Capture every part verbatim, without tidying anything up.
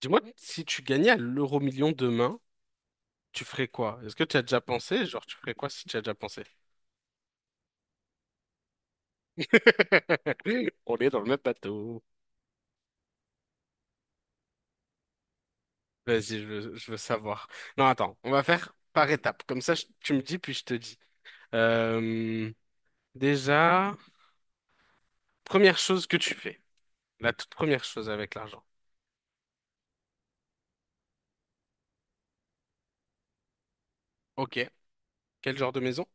Dis-moi, si tu gagnais à l'euro million demain, tu ferais quoi? Est-ce que tu as déjà pensé? Genre, tu ferais quoi si tu as déjà pensé? On est dans le même bateau. Vas-y, je veux, je veux savoir. Non, attends, on va faire par étapes. Comme ça, je- tu me dis, puis je te dis. Euh, déjà, première chose que tu fais. La toute première chose avec l'argent. Ok. Quel genre de maison?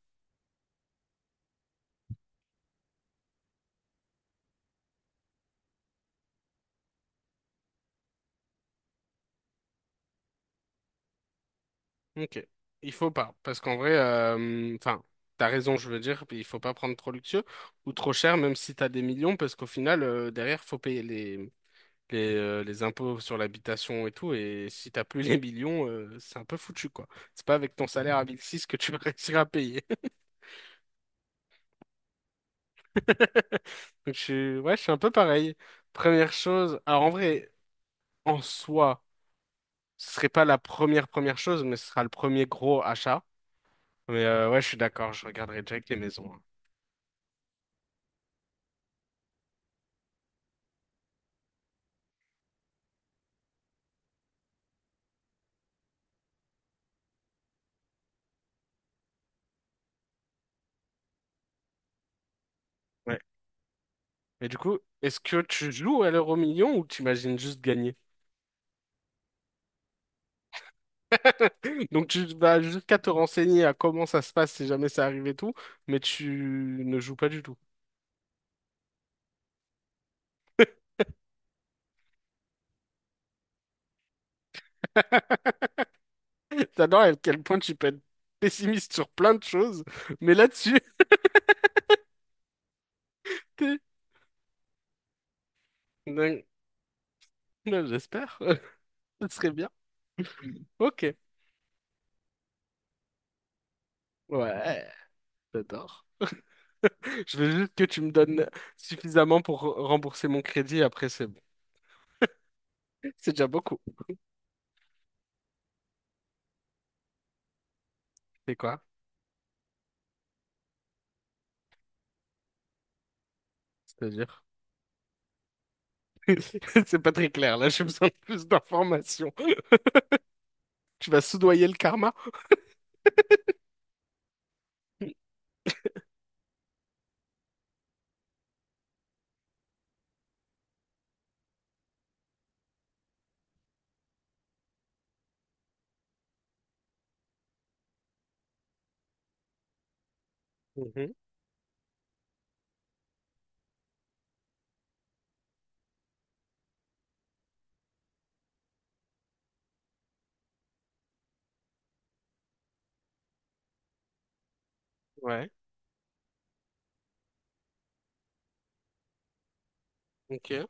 Ok. Il faut pas, parce qu'en vrai, euh, enfin, t'as raison, je veux dire, puis il faut pas prendre trop luxueux ou trop cher, même si t'as des millions, parce qu'au final, euh, derrière, faut payer les, les, euh, les impôts sur l'habitation et tout, et si t'as plus les millions, euh, c'est un peu foutu, quoi. C'est pas avec ton salaire à mille six que tu vas réussir à payer. Donc, je suis, ouais, je suis un peu pareil. Première chose, alors en vrai, en soi, ce serait pas la première première chose, mais ce sera le premier gros achat. Mais euh, ouais, je suis d'accord, je regarderai direct les maisons, hein. Mais du coup, est-ce que tu joues à l'euro million ou t'imagines juste gagner? Donc tu vas jusqu'à te renseigner à comment ça se passe si jamais ça arrive et tout, mais tu ne joues pas du tout. T'adores à quel point tu peux être pessimiste sur plein de choses, mais là-dessus, t'es- non, non, j'espère. Ce serait bien. Ok. Ouais, j'adore. Je veux juste que tu me donnes suffisamment pour rembourser mon crédit, après c'est bon. C'est déjà beaucoup. C'est quoi? C'est-à-dire? C'est pas très clair, là, j'ai besoin de plus d'informations. Tu vas soudoyer le karma? Mhm. Ouais, ok.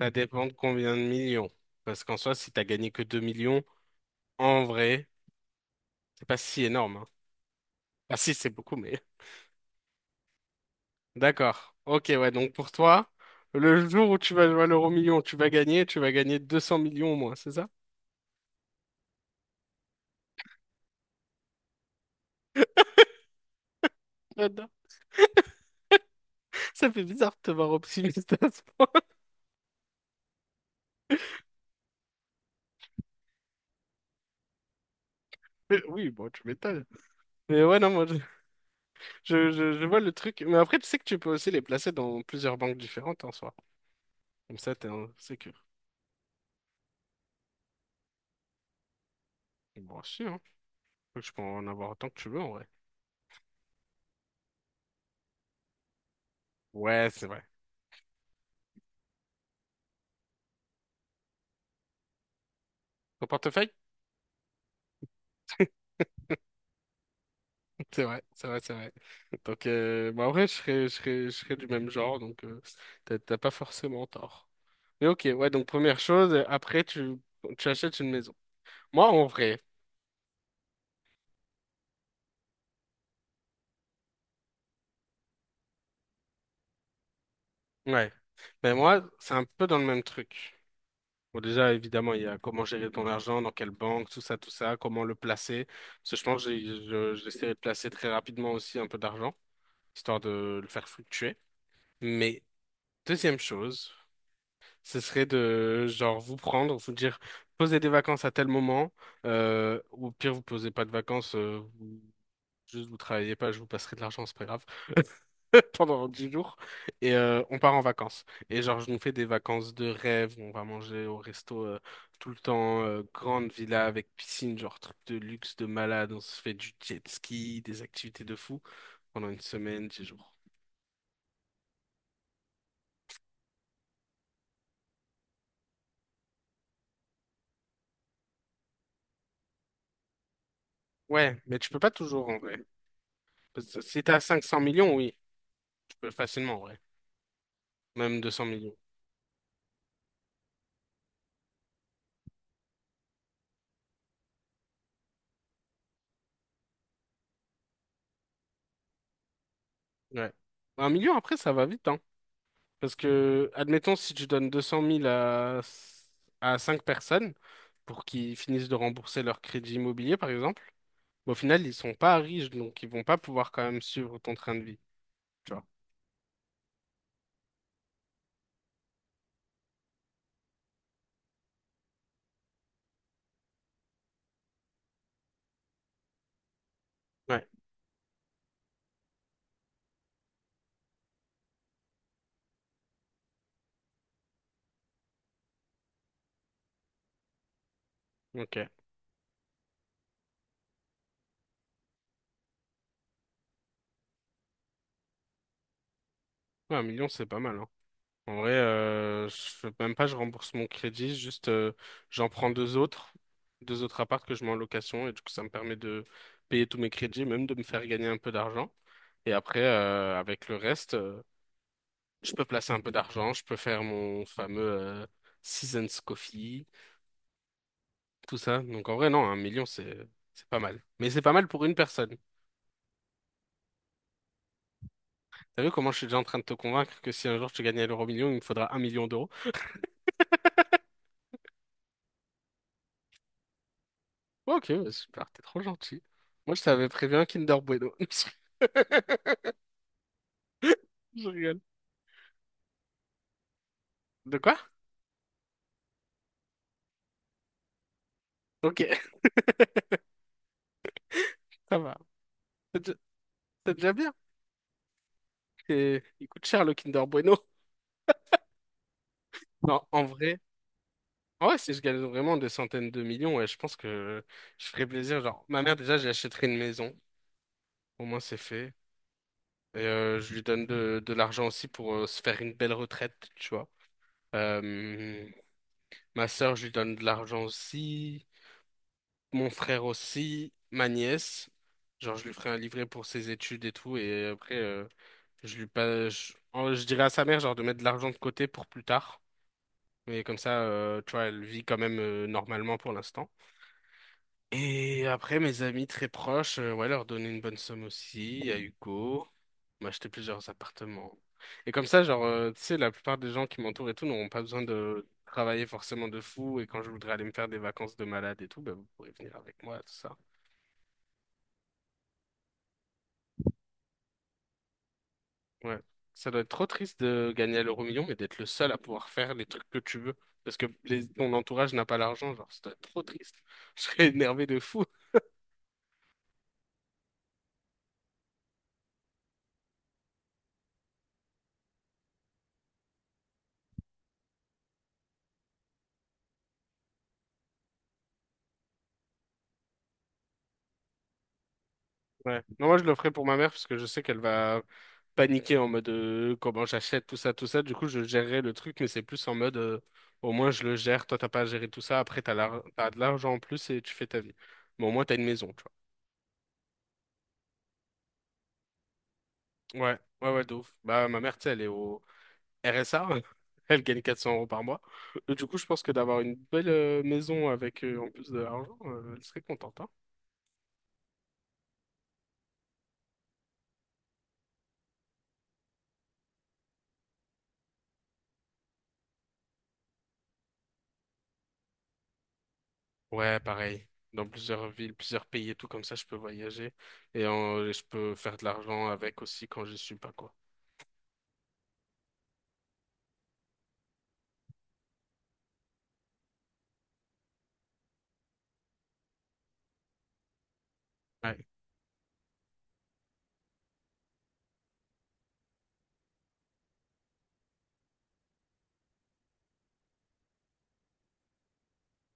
Ça dépend de combien de millions. Parce qu'en soi, si t'as gagné que deux millions, en vrai, c'est pas si énorme, hein. Ah si, c'est beaucoup, mais d'accord. Ok, ouais. Donc pour toi, le jour où tu vas jouer à l'euro million, tu vas gagner, tu vas gagner 200 millions au moins, c'est ça? J'adore. Ça fait bizarre de te voir optimiste à ce point. Mais oui, bon, tu m'étonnes. Mais ouais, non, moi, je, je, je- je vois le truc. Mais après, tu sais que tu peux aussi les placer dans plusieurs banques différentes en soi. Comme ça, t'es en sécurité. Bon, si, hein. Tu peux en avoir autant que tu veux, en vrai. Ouais, c'est vrai. Ton portefeuille? C'est vrai, c'est vrai, c'est vrai. Donc, euh, bah, en vrai, je serais, je serais, je serais du même genre, donc euh, t'as t'as pas forcément tort. Mais ok, ouais, donc première chose, euh, après tu, tu achètes une maison. Moi, en vrai, ouais. Mais moi, c'est un peu dans le même truc. Bon, déjà, évidemment, il y a comment gérer ton argent, dans quelle banque, tout ça, tout ça, comment le placer. Parce que je pense que j'ai- je- j'essaierai de placer très rapidement aussi un peu d'argent, histoire de le faire fluctuer. Mais deuxième chose, ce serait de, genre, vous prendre, vous dire, posez des vacances à tel moment, euh, ou au pire, vous posez pas de vacances, euh, vous- juste vous travaillez pas, je vous passerai de l'argent, c'est pas grave. Pendant dix jours et euh, on part en vacances. Et genre, je nous fais des vacances de rêve, on va manger au resto euh, tout le temps, euh, grande villa avec piscine, genre truc de luxe, de malade, on se fait du jet ski, des activités de fou pendant une semaine, dix jours. Ouais, mais tu peux pas toujours en vrai. Parce que si t'as cinq cents millions, oui, tu peux facilement en vrai. Même deux cents millions. Ouais. Un million après, ça va vite, hein. Parce que, admettons, si tu donnes deux cent mille à, à cinq personnes pour qu'ils finissent de rembourser leur crédit immobilier, par exemple, bah, au final, ils sont pas riches, donc ils vont pas pouvoir quand même suivre ton train de vie. Tu vois. Ouais. Ok. Ouais, un million, c'est pas mal, hein. En vrai, euh, je fais même pas, je rembourse mon crédit, juste euh, j'en prends deux autres, deux autres apparts que je mets en location, et du coup, ça me permet de payer tous mes crédits, même de me faire gagner un peu d'argent. Et après, euh, avec le reste. euh, Je peux placer un peu d'argent, je peux faire mon fameux euh, Seasons Coffee, tout ça. Donc en vrai, non, un million, c'est c'est pas mal. Mais c'est pas mal pour une personne. T'as vu comment je suis déjà en train de te convaincre que si un jour tu gagnais à l'euro million, il me faudra un million d'euros. Ouais, ok, bah, super, t'es trop gentil. Moi, je t'avais prévu un Kinder Bueno. Je rigole. De quoi? Ok, ça va. C'est déjà c'est déjà bien. Et il coûte cher le Kinder Bueno. Non, en vrai. Ouais, si je gagne vraiment des centaines de millions, ouais, je pense que je ferais plaisir. Genre, ma mère, déjà, j'achèterai une maison. Au moins, c'est fait. Et euh, je lui donne de, de l'argent aussi pour euh, se faire une belle retraite, tu vois. Euh, ma sœur, je lui donne de l'argent aussi. Mon frère aussi. Ma nièce. Genre, je lui ferai un livret pour ses études et tout. Et après, euh, je lui pas, je, en- je dirais à sa mère, genre, de mettre de l'argent de côté pour plus tard. Mais comme ça, euh, tu vois, elle vit quand même euh, normalement pour l'instant. Et après, mes amis très proches, euh, ouais, leur donner une bonne somme aussi, à Hugo, m'acheter plusieurs appartements. Et comme ça, genre, euh, tu sais, la plupart des gens qui m'entourent et tout n'auront pas besoin de travailler forcément de fou. Et quand je voudrais aller me faire des vacances de malade et tout, bah, vous pourrez venir avec moi, tout ça. Ouais. Ça doit être trop triste de gagner à l'euro million, mais d'être le seul à pouvoir faire les trucs que tu veux. Parce que les- ton entourage n'a pas l'argent, genre, ça doit être trop triste. Je serais énervé de fou. Ouais. Non, moi, je le ferai pour ma mère parce que je sais qu'elle va paniquer en mode euh, comment j'achète tout ça, tout ça. Du coup, je gérerai le truc, mais c'est plus en mode euh, au moins je le gère. Toi, t'as pas à gérer tout ça. Après, t'as l'ar- t'as de l'argent en plus et tu fais ta vie. Mais au moins, t'as une maison, tu vois. Ouais, ouais, ouais, de ouf. Bah, ma mère, tu sais, elle est au R S A. Elle gagne quatre cents euros par mois. Et du coup, je pense que d'avoir une belle euh, maison avec euh, en plus de l'argent, euh, elle serait contente, hein. Ouais, pareil. Dans plusieurs villes, plusieurs pays et tout, comme ça, je peux voyager et euh, je peux faire de l'argent avec aussi quand je suis pas, quoi. Ouais.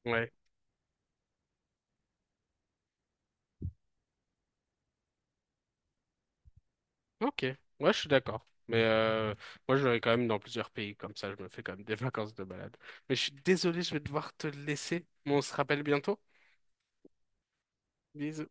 Ouais. Ok. Ouais, je suis d'accord. Mais euh, moi, je vais quand même dans plusieurs pays, comme ça, je me fais quand même des vacances de balade. Mais je suis désolé, je vais devoir te laisser. Mais on se rappelle bientôt. Bisous.